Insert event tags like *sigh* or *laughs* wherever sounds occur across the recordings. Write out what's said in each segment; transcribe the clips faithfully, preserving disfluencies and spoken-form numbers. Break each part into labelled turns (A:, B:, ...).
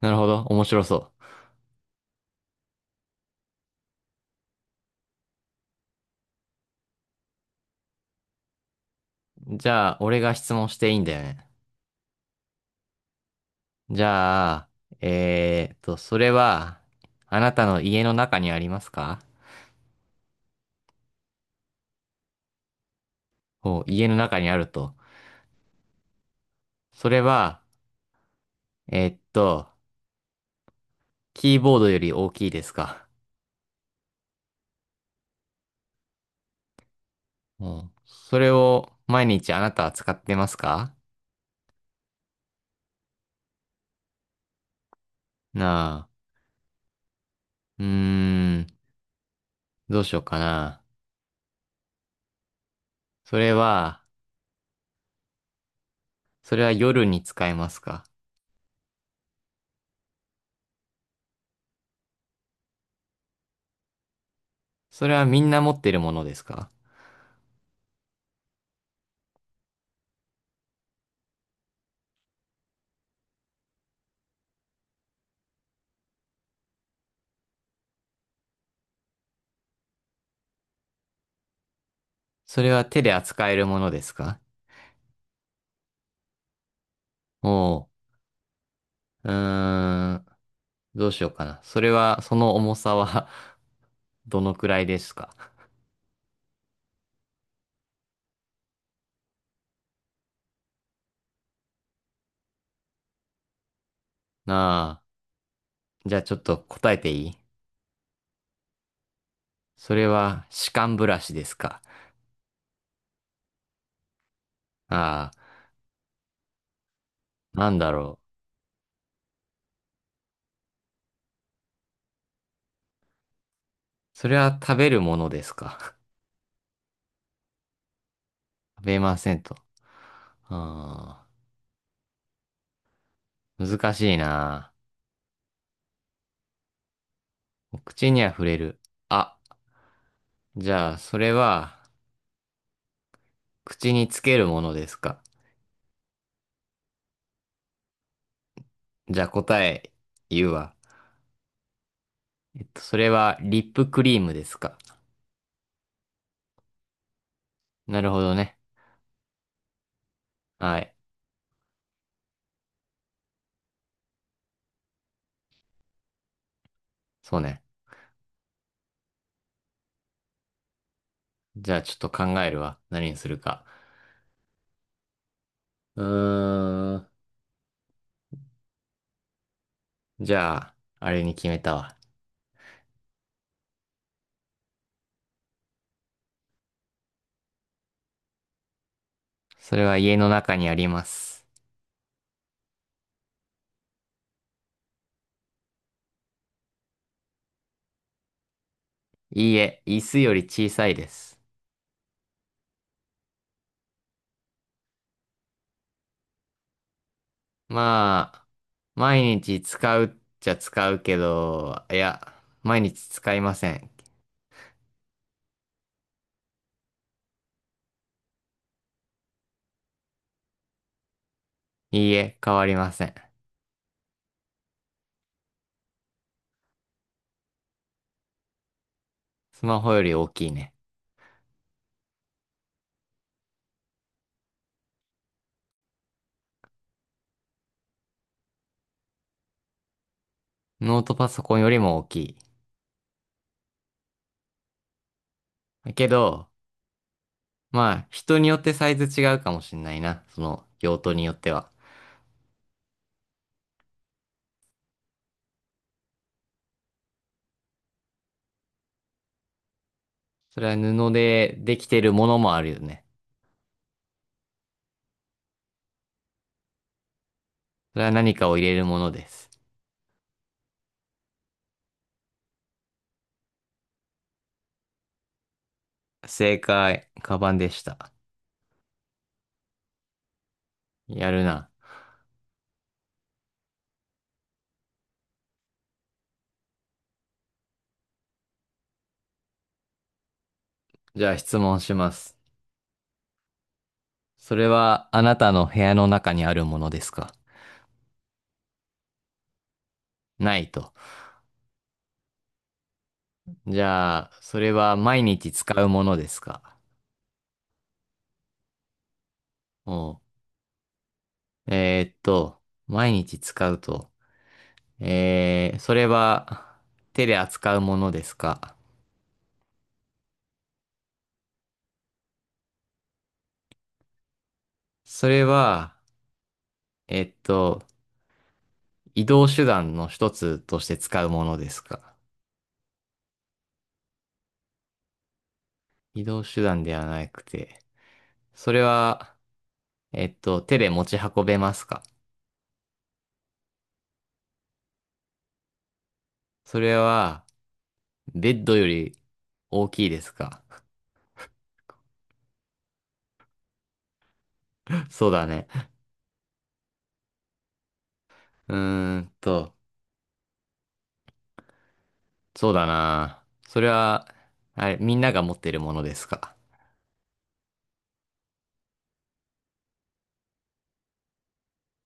A: なるほど。面白そう。じゃあ、俺が質問していいんだよね。じゃあ、えーっと、それは、あなたの家の中にありますか？お、家の中にあると。それは、えーっと、キーボードより大きいですか？お、それを毎日あなたは使ってますか？なあ、うーん、どうしようかな。それは、それは夜に使えますか？それはみんな持ってるものですか？それは手で扱えるものですか？お、うーん。どうしようかな。それは、その重さは *laughs* どのくらいですか？ああ。じゃあちょっと答えていい？それは、歯間ブラシですか？ああ。なんだろう。それは食べるものですか？ *laughs* 食べませんと。ああ。難しいな。口には触れる。あ、じゃあ、それは、口につけるものですか？じゃあ答え言うわ。えっと、それは、リップクリームですか？なるほどね。はい。そうね。じゃあちょっと考えるわ。何にするか。うーん。じゃあ、あれに決めたわ。それは家の中にあります。いいえ、椅子より小さいです。まあ、毎日使うっちゃ使うけど、いや、毎日使いません。いいえ、変わりません。スマホより大きいね。ノートパソコンよりも大きい。だけど、まあ、人によってサイズ違うかもしんないな。その用途によっては。それは布でできてるものもあるよね。それは何かを入れるものです。正解、カバンでした。やるな。じゃあ質問します。それはあなたの部屋の中にあるものですか？ないと。じゃあ、それは毎日使うものですか？おう。えーっと、毎日使うと。えー、それは手で扱うものですか？それは、えっと、移動手段の一つとして使うものですか？移動手段ではなくて、それは、えっと、手で持ち運べますか？それは、ベッドより大きいですか？ *laughs* そうだね。うーんと、そうだな。それは、あれ、みんなが持ってるものですか？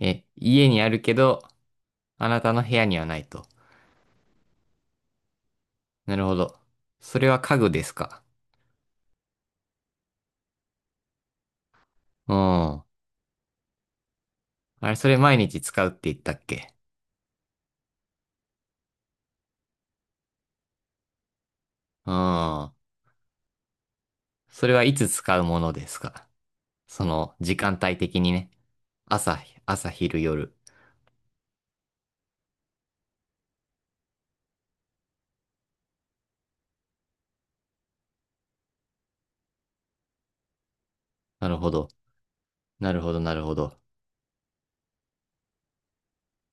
A: え、家にあるけど、あなたの部屋にはないと。なるほど。それは家具ですか？うん。あれ、それ毎日使うって言ったっけ？うん。それはいつ使うものですか？その、時間帯的にね。朝、朝、昼、夜。なるほど。なるほど、なるほど。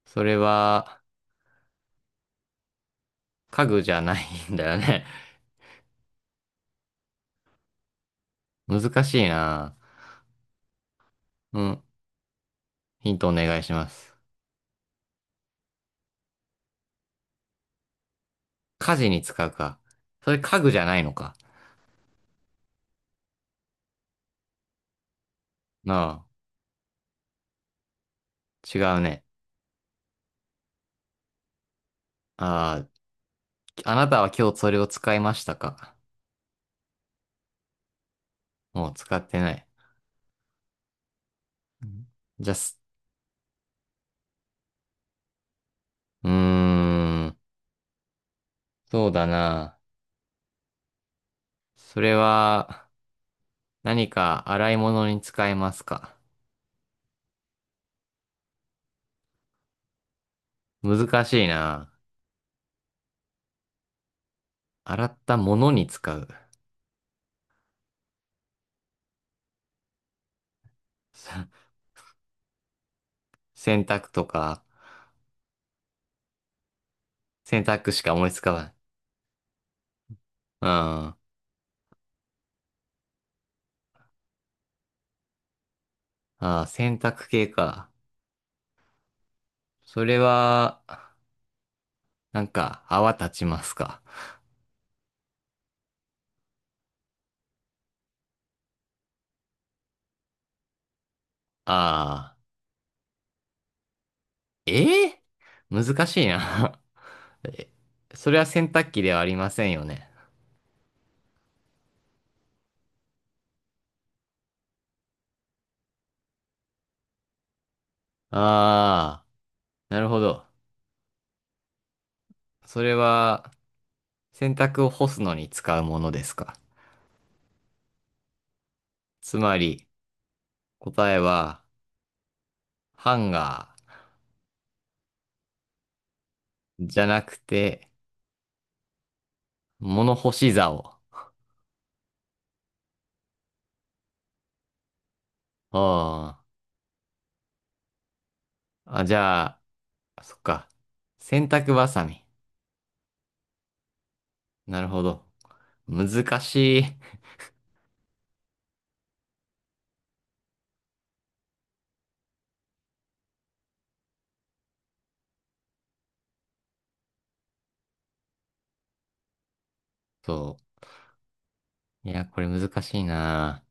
A: それは、家具じゃないんだよね。*laughs* 難しいな。うん。ヒントお願いします。家事に使うか。それ家具じゃないのか。なあ、違うね。ああ、あなたは今日それを使いましたか。もう使ってない。うん、じゃあ、す、うーん。そうだな。それは、何か洗い物に使えますか。難しいな。洗ったものに使う。*laughs* 洗濯とか、洗濯しか思いつかない。ああー、洗濯系か。それは、なんか、泡立ちますか。ああ、えー、難しいな。*laughs* え、それは洗濯機ではありませんよね。ああ、なるほど。それは、洗濯を干すのに使うものですか。つまり、答えは、ハンガーじゃなくて、物干し竿。ああ、あ、じゃあ、そっか。洗濯バサミ。なるほど。難しい。そう。いや、これ難しいな。